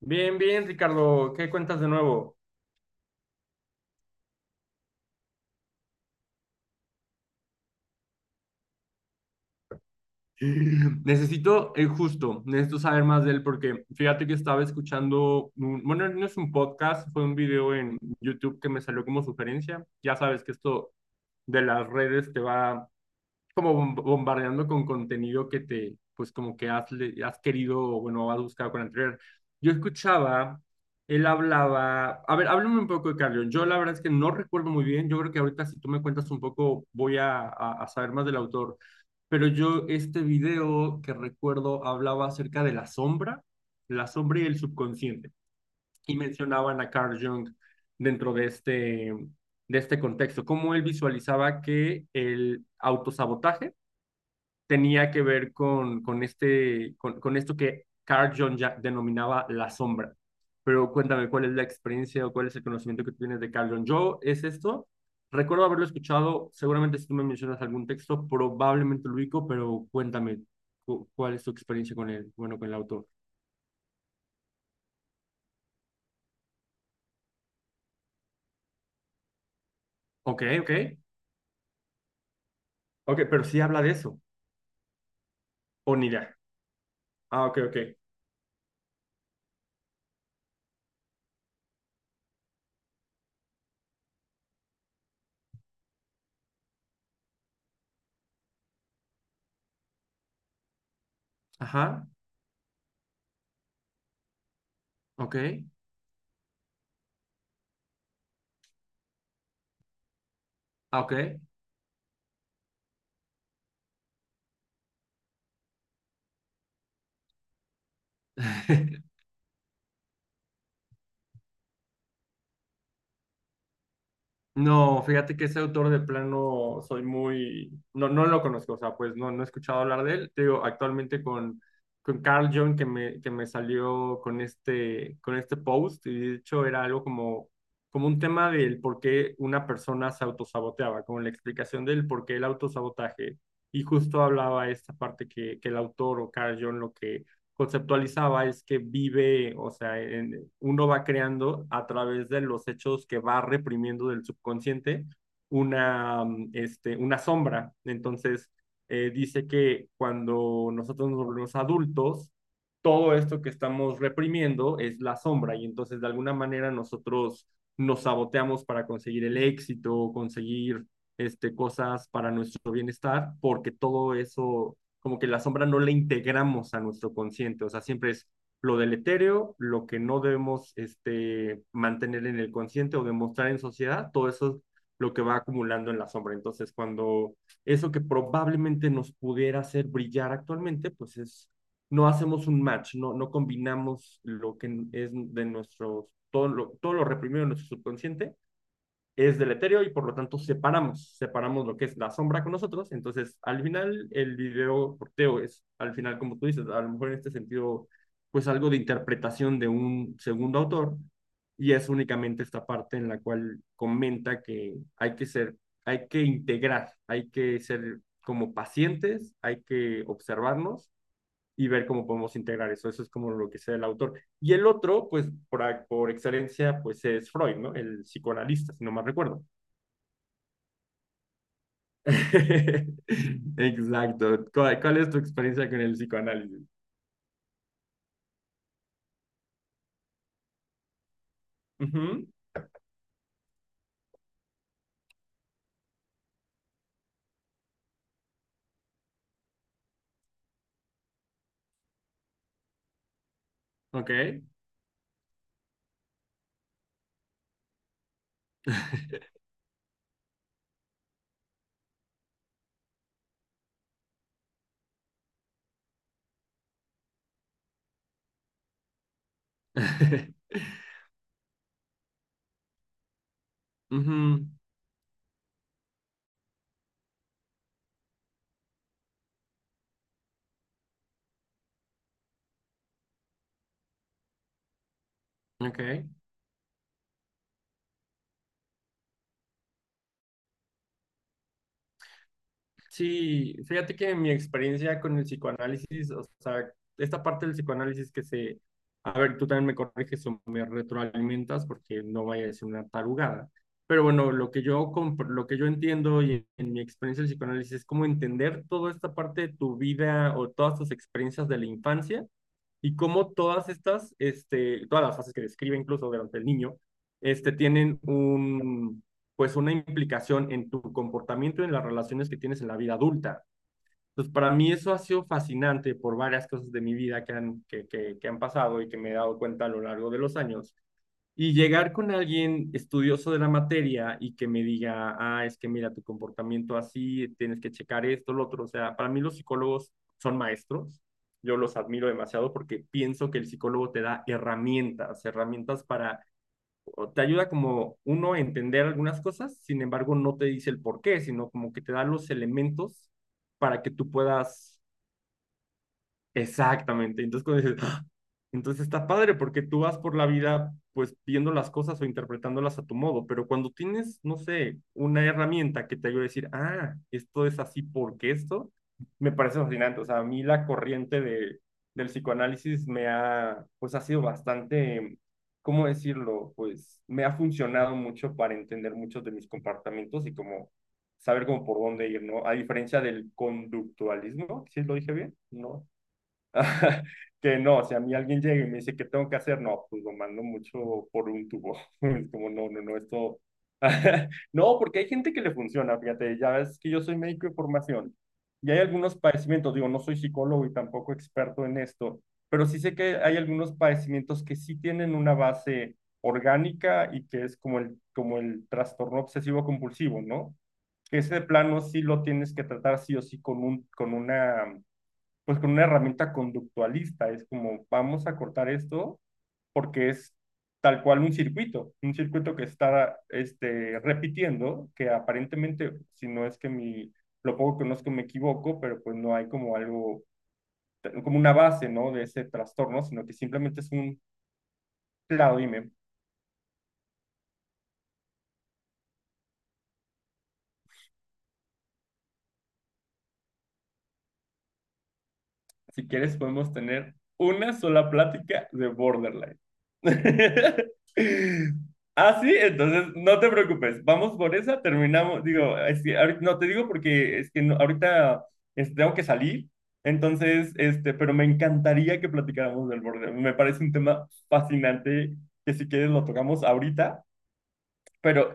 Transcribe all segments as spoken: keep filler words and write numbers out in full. Bien, bien, Ricardo, ¿qué cuentas de nuevo? Necesito, eh, justo, necesito saber más de él porque fíjate que estaba escuchando, un- bueno, no es un podcast, fue un video en YouTube que me salió como sugerencia. Ya sabes que esto de las redes te va como bombardeando con contenido que te, pues como que has, le- has querido, o bueno, has buscado con anterior. Yo escuchaba, él hablaba, a ver, háblame un poco de Carrión. Yo la verdad es que no recuerdo muy bien, yo creo que ahorita si tú me cuentas un poco voy a, a, a saber más del autor, pero yo este video que recuerdo hablaba acerca de la sombra, la sombra y el subconsciente, y mencionaban a Carl Jung dentro de este, de este contexto, cómo él visualizaba que el autosabotaje tenía que ver con, con, este, con, con esto que Carl Jung ya denominaba la sombra. Pero cuéntame, ¿cuál es la experiencia o cuál es el conocimiento que tú tienes de Carl Jung? Yo, ¿es esto? Recuerdo haberlo escuchado, seguramente si tú me mencionas algún texto, probablemente lo ubico, pero cuéntame, ¿cuál es tu experiencia con el, bueno, con el autor? Ok, ok, ok, pero sí habla de eso, o ni idea. Ah, ok, ok. Ajá, ok, ah, ok. No, fíjate que ese autor de plano soy muy, no, no lo conozco, o sea, pues no, no he escuchado hablar de él. Te digo, actualmente con, con Carl Jung que me, que me salió con este, con este post, y de hecho era algo como, como un tema del por qué una persona se autosaboteaba, como la explicación del por qué el autosabotaje. Y justo hablaba esta parte que, que el autor o Carl Jung lo que conceptualizaba es que vive, o sea, en- uno va creando a través de los hechos que va reprimiendo del subconsciente una, mm, este, una sombra. Entonces, eh, dice que cuando nosotros nos volvemos adultos, todo esto que estamos reprimiendo es la sombra y entonces de alguna manera nosotros nos saboteamos para conseguir el éxito, conseguir este, cosas para nuestro bienestar, porque todo eso como que la sombra no la integramos a nuestro consciente, o sea, siempre es lo deletéreo, lo que no debemos este, mantener en el consciente o demostrar en sociedad, todo eso es lo que va acumulando en la sombra. Entonces, cuando eso que probablemente nos pudiera hacer brillar actualmente, pues es, no hacemos un match, no, no combinamos lo que es de nuestro todo lo, todo lo reprimido en nuestro subconsciente es deletéreo y por lo tanto separamos, separamos lo que es la sombra con nosotros. Entonces, al final, el video porteo es, al final, como tú dices, a lo mejor en este sentido, pues algo de interpretación de un segundo autor y es únicamente esta parte en la cual comenta que hay que ser, hay que integrar, hay que ser como pacientes, hay que observarnos y ver cómo podemos integrar eso. Eso es como lo que sea el autor. Y el otro, pues por, por excelencia, pues es Freud, ¿no? El psicoanalista, si no mal recuerdo. Exacto. ¿Cuál, cuál es tu experiencia con el psicoanálisis? Ujú, ok. Ujú, ok. Sí, fíjate que mi experiencia con el psicoanálisis, o sea, esta parte del psicoanálisis que se, a ver, tú también me corriges o me retroalimentas porque no vaya a ser una tarugada. Pero bueno, lo que yo, compr- lo que yo entiendo y en mi experiencia del psicoanálisis es como entender toda esta parte de tu vida o todas tus experiencias de la infancia y cómo todas estas, este, todas las fases que describe incluso durante el niño, este, tienen un, pues una implicación en tu comportamiento y en las relaciones que tienes en la vida adulta. Entonces, para mí eso ha sido fascinante por varias cosas de mi vida que han, que, que, que han pasado y que me he dado cuenta a lo largo de los años y llegar con alguien estudioso de la materia y que me diga, ah, es que mira tu comportamiento así, tienes que checar esto, lo otro. O sea, para mí los psicólogos son maestros. Yo los admiro demasiado porque pienso que el psicólogo te da herramientas, herramientas para, o te ayuda como uno a entender algunas cosas, sin embargo no te dice el por qué, sino como que te da los elementos para que tú puedas exactamente. Entonces cuando dices, "Ah", entonces está padre porque tú vas por la vida pues viendo las cosas o interpretándolas a tu modo, pero cuando tienes, no sé, una herramienta que te ayude a decir, ah, esto es así porque esto, me parece fascinante. O sea, a mí la corriente de, del psicoanálisis me ha, pues ha sido bastante, ¿cómo decirlo? Pues me ha funcionado mucho para entender muchos de mis comportamientos y como saber cómo por dónde ir, ¿no? A diferencia del conductualismo, ¿sí lo dije bien? No. Que no, si a mí alguien llega y me dice, ¿qué tengo que hacer? No, pues lo mando mucho por un tubo. Es como, no, no, no, esto... No, porque hay gente que le funciona, fíjate, ya ves que yo soy médico de formación y hay algunos padecimientos, digo, no soy psicólogo y tampoco experto en esto, pero sí sé que hay algunos padecimientos que sí tienen una base orgánica y que es como el, como el trastorno obsesivo compulsivo, ¿no? Que ese de plano sí lo tienes que tratar sí o sí con un, con una pues con una herramienta conductualista, es como vamos a cortar esto porque es tal cual un circuito, un circuito que está este, repitiendo, que aparentemente, si no es que mi, lo poco que conozco me equivoco, pero pues no hay como algo, como una base, ¿no? De ese trastorno, sino que simplemente es un, claro, dime, si quieres podemos tener una sola plática de Borderline. Ah, sí, entonces no te preocupes, vamos por esa, terminamos, digo, es que ahorita- no te digo porque es que no- ahorita este, tengo que salir, entonces, este, pero me encantaría que platicáramos del Borderline, me parece un tema fascinante que si quieres lo tocamos ahorita, pero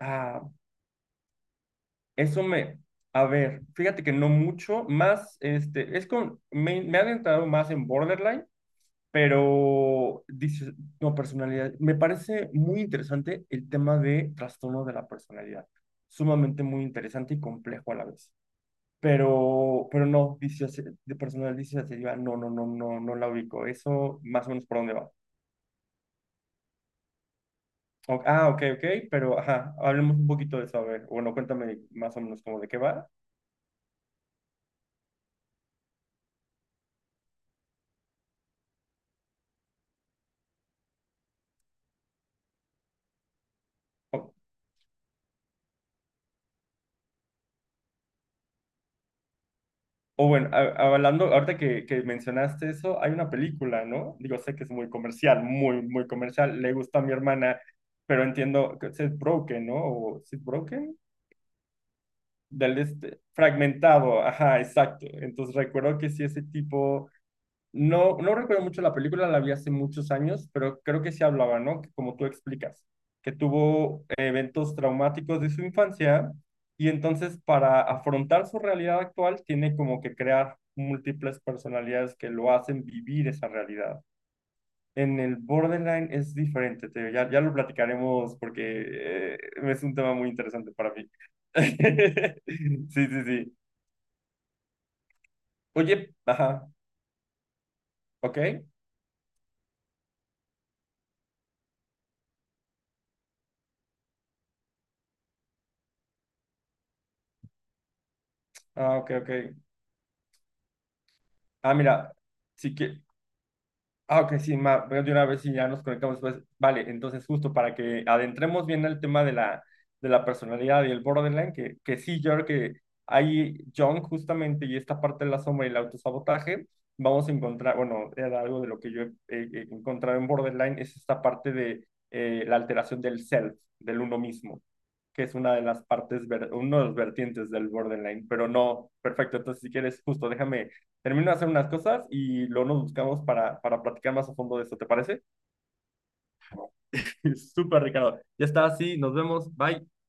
ah, eso me... A ver, fíjate que no mucho, más, este, es con, me, me he adentrado más en Borderline, pero dices, no, personalidad. Me parece muy interesante el tema de trastorno de la personalidad. Sumamente muy interesante y complejo a la vez. Pero, pero no, disoci- de personal disociativa, no, no, no, no, no la ubico. Eso más o menos por dónde va. O- ah, ok, ok, pero ajá, hablemos un poquito de eso, a ver. Bueno, cuéntame más o menos cómo de qué va. O bueno, a- hablando, ahorita que, que mencionaste eso, hay una película, ¿no? Digo, sé que es muy comercial, muy, muy comercial, le gusta a mi hermana, pero entiendo que es Broken, ¿no? O Seth Broken, del este, fragmentado, ajá, exacto. Entonces recuerdo que sí, ese tipo no, no recuerdo mucho la película, la vi hace muchos años, pero creo que sí hablaba, ¿no? Que como tú explicas, que tuvo eventos traumáticos de su infancia y entonces para afrontar su realidad actual tiene como que crear múltiples personalidades que lo hacen vivir esa realidad. En el borderline es diferente, te digo, ya, ya lo platicaremos porque eh, es un tema muy interesante para mí. Sí, sí, sí. Oye, ajá, ok, ah, ok, ok. Ah, mira, sí que ah, ok, sí, ma, veo de una vez si ya nos conectamos después. Vale, entonces justo para que adentremos bien el tema de la, de la personalidad y el borderline, que, que sí, yo creo que ahí John justamente y esta parte de la sombra y el autosabotaje, vamos a encontrar, bueno, era algo de lo que yo he, he- he encontrado en borderline, es esta parte de eh, la alteración del self, del uno mismo que es una de las partes, ver, uno de los vertientes del borderline, pero no, perfecto, entonces si quieres, justo déjame, termino de hacer unas cosas y luego nos buscamos para, para platicar más a fondo de esto, ¿te parece? Súper, Ricardo. Ya está, sí, nos vemos, bye.